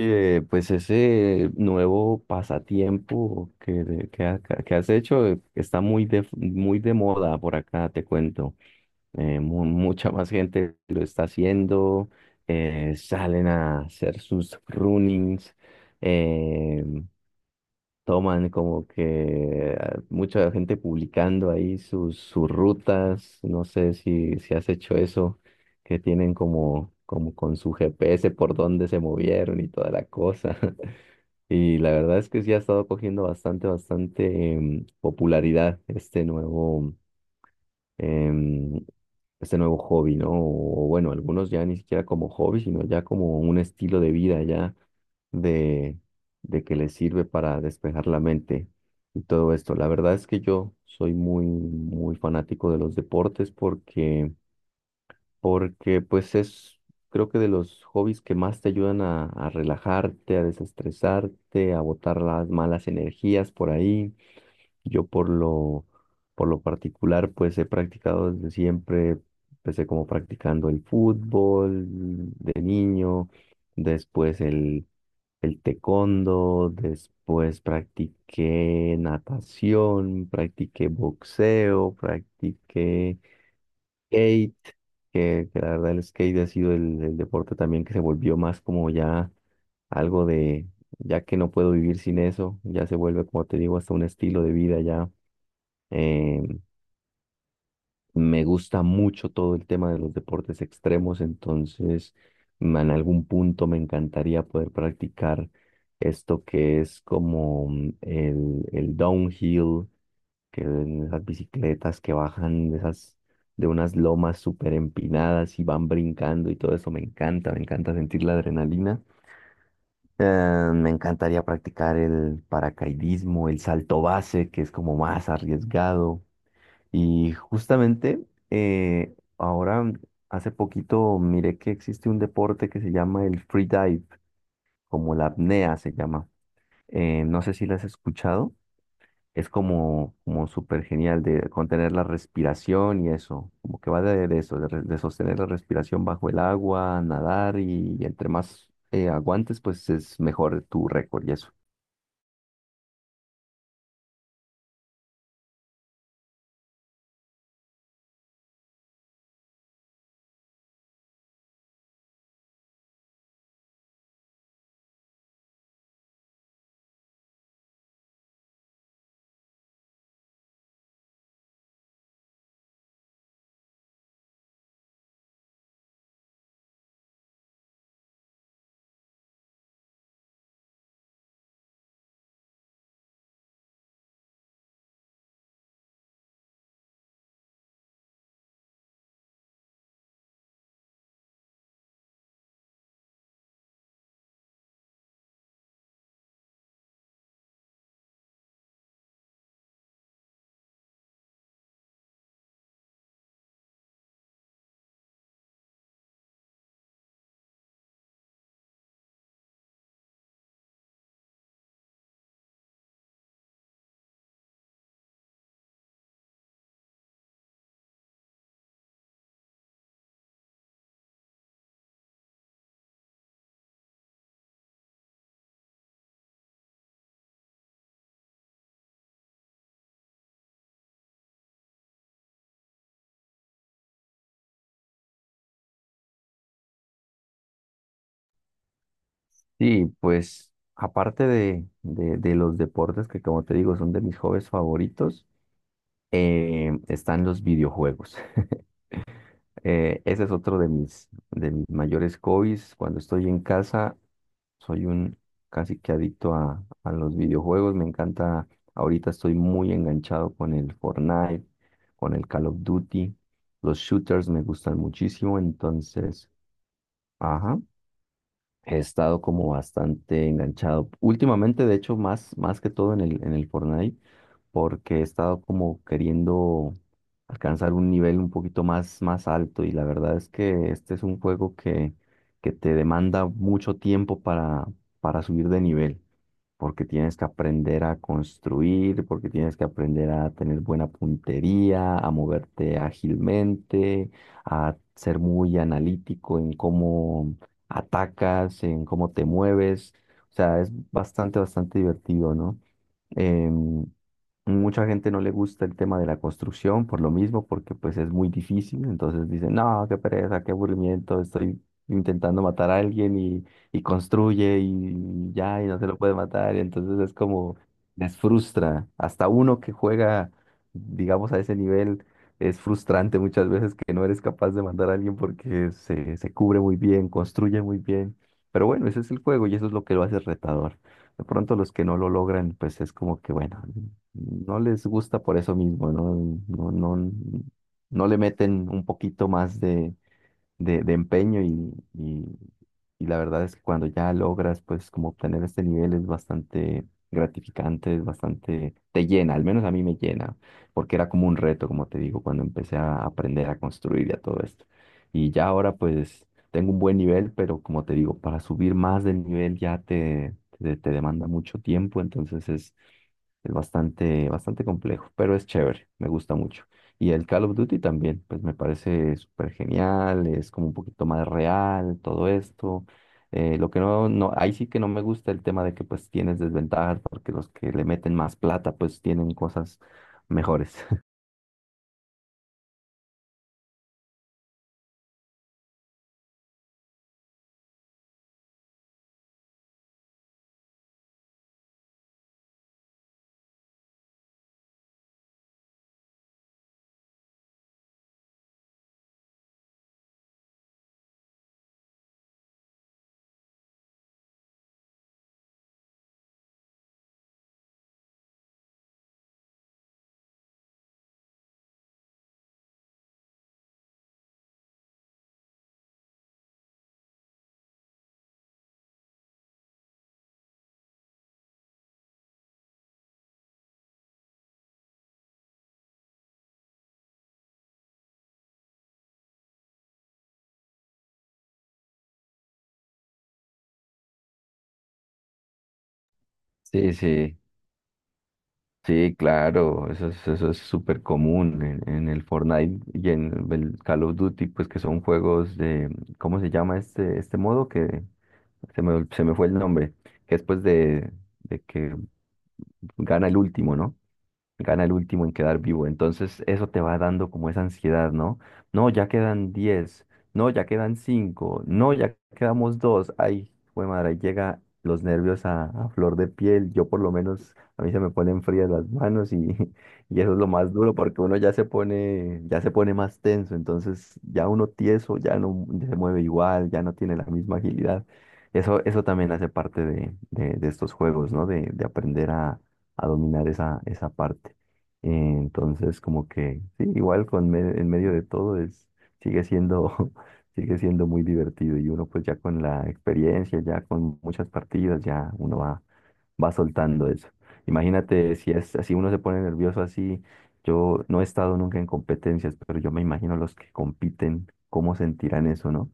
Pues ese nuevo pasatiempo que has hecho está muy de moda por acá, te cuento. Mucha más gente lo está haciendo, salen a hacer sus runnings, eh, toman como que ah, mucha gente publicando ahí sus, sus rutas. No sé si, si has hecho eso, que tienen como, como con su GPS por dónde se movieron y toda la cosa. Y la verdad es que sí ha estado cogiendo bastante, bastante, popularidad este nuevo, em, este nuevo hobby, ¿no? O bueno, algunos ya ni siquiera como hobby, sino ya como un estilo de vida ya de, de que les sirve para despejar la mente y todo esto. La verdad es que yo soy muy, muy fanático de los deportes porque pues es, creo que de los hobbies que más te ayudan a relajarte, a desestresarte, a botar las malas energías por ahí. Yo por lo particular, pues he practicado desde siempre, empecé como practicando el fútbol de niño, después el taekwondo, después practiqué natación, practiqué boxeo, practiqué skate, que la verdad el skate ha sido el deporte también que se volvió más como ya algo de, ya que no puedo vivir sin eso, ya se vuelve, como te digo, hasta un estilo de vida ya. em, Me gusta mucho todo el tema de los deportes extremos, entonces en algún punto me encantaría poder practicar esto que es como el downhill, que en esas bicicletas que bajan de esas, de unas lomas súper empinadas y van brincando y todo eso me encanta sentir la adrenalina. Me encantaría practicar el paracaidismo, el salto base, que es como más arriesgado. Y justamente ahora, hace poquito miré que existe un deporte que se llama el free dive, como la apnea se llama. No sé si la has escuchado. Es como, como súper genial de contener la respiración y eso, como que va de eso, de, de sostener la respiración bajo el agua, nadar y, entre más aguantes, pues es mejor tu récord y eso. Sí, pues aparte de los deportes que como te digo son de mis hobbies favoritos. Están los videojuegos. Ese es otro de mis mayores hobbies. Cuando estoy en casa, soy un casi que adicto a los videojuegos. Me encanta, ahorita estoy muy enganchado con el Fortnite, con el Call of Duty. Los shooters me gustan muchísimo, entonces, ajá. He estado como bastante enganchado. Últimamente, de hecho, más, más que todo en el Fortnite, porque he estado como queriendo alcanzar un nivel un poquito más, más alto. Y la verdad es que este es un juego que te demanda mucho tiempo para subir de nivel porque tienes que aprender a construir, porque tienes que aprender a tener buena puntería, a moverte ágilmente, a ser muy analítico en cómo atacas, en cómo te mueves. O sea, es bastante, bastante divertido, ¿no? Em, Mucha gente no le gusta el tema de la construcción por lo mismo, porque pues es muy difícil. Entonces dicen, no, qué pereza, qué aburrimiento, estoy intentando matar a alguien y construye y ya, y no se lo puede matar, y entonces es como, les frustra. Hasta uno que juega, digamos, a ese nivel, es frustrante muchas veces que no eres capaz de matar a alguien porque se cubre muy bien, construye muy bien. Pero bueno, ese es el juego y eso es lo que lo hace retador. De pronto los que no lo logran, pues es como que, bueno, no les gusta por eso mismo, ¿no? No, no, no le meten un poquito más de empeño y la verdad es que cuando ya logras pues como obtener este nivel es bastante gratificante, es bastante, te llena, al menos a mí me llena, porque era como un reto, como te digo, cuando empecé a aprender a construir y a todo esto. Y ya ahora pues tengo un buen nivel, pero como te digo, para subir más del nivel ya te demanda mucho tiempo, entonces es bastante, bastante complejo, pero es chévere, me gusta mucho. Y el Call of Duty también, pues me parece súper genial, es como un poquito más real, todo esto. Lo que no, no, ahí sí que no me gusta el tema de que pues tienes desventajas, porque los que le meten más plata pues tienen cosas mejores. Sí, sí, sí, claro, eso es súper común en el Fortnite y en el Call of Duty, pues que son juegos de, ¿cómo se llama este, este modo? Que se me fue el nombre, que después de que gana el último, ¿no? Gana el último en quedar vivo. Entonces eso te va dando como esa ansiedad, ¿no? No, ya quedan diez, no, ya quedan cinco, no, ya quedamos dos. Ay, fue madre, ahí llega los nervios a flor de piel. Yo por lo menos, a mí se me ponen frías las manos y, y eso es lo más duro porque uno ya se pone más tenso. Entonces ya uno tieso, ya no se mueve igual, ya no tiene la misma agilidad. Eso también hace parte de estos juegos, ¿no? De aprender a dominar esa, esa parte. Eh, Entonces, como que, sí, igual en medio de todo es, sigue siendo, sigue siendo muy divertido y uno pues ya con la experiencia, ya con muchas partidas, ya uno va, va soltando eso. Imagínate si es así, uno se pone nervioso así. Yo no he estado nunca en competencias, pero yo me imagino los que compiten, cómo sentirán eso, ¿no?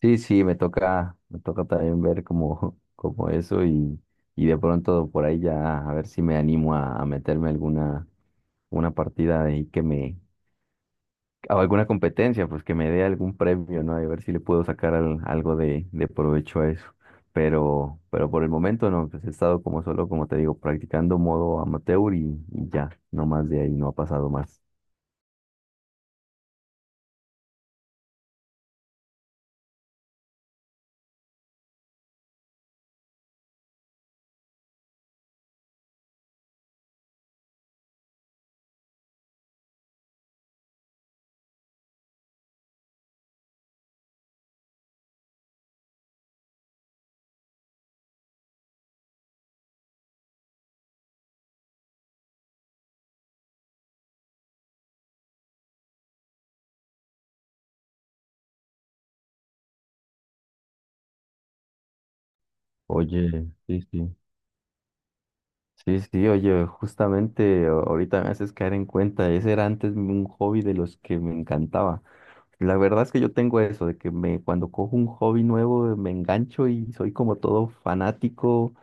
Sí, sí, me toca también ver como, como eso y de pronto por ahí ya a ver si me animo a meterme alguna una partida ahí que me, o alguna competencia, pues que me dé algún premio, ¿no? Y a ver si le puedo sacar algo de provecho a eso. Pero por el momento no, pues he estado como solo, como te digo, practicando modo amateur y ya, no más de ahí, no ha pasado más. Oye, sí, sí. Sí, sí, oye, justamente ahorita me haces caer en cuenta, ese era antes un hobby de los que me encantaba. La verdad es que yo tengo eso, de que me, cuando cojo un hobby nuevo me engancho y soy como todo fanático,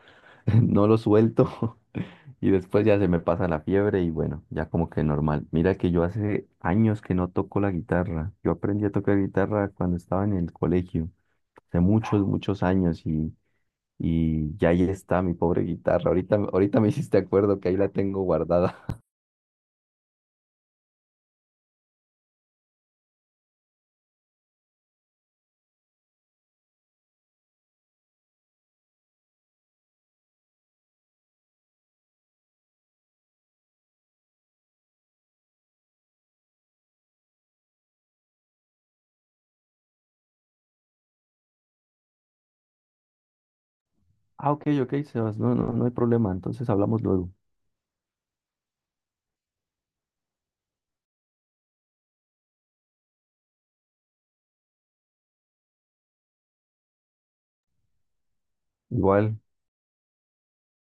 no lo suelto y después ya se me pasa la fiebre y bueno, ya como que normal. Mira que yo hace años que no toco la guitarra. Yo aprendí a tocar guitarra cuando estaba en el colegio, hace muchos, muchos años y ya ahí está mi pobre guitarra. Ahorita, ahorita me hiciste acuerdo que ahí la tengo guardada. Ah, ok, ok, Sebas, no, no, no hay problema. Entonces hablamos luego. Igual,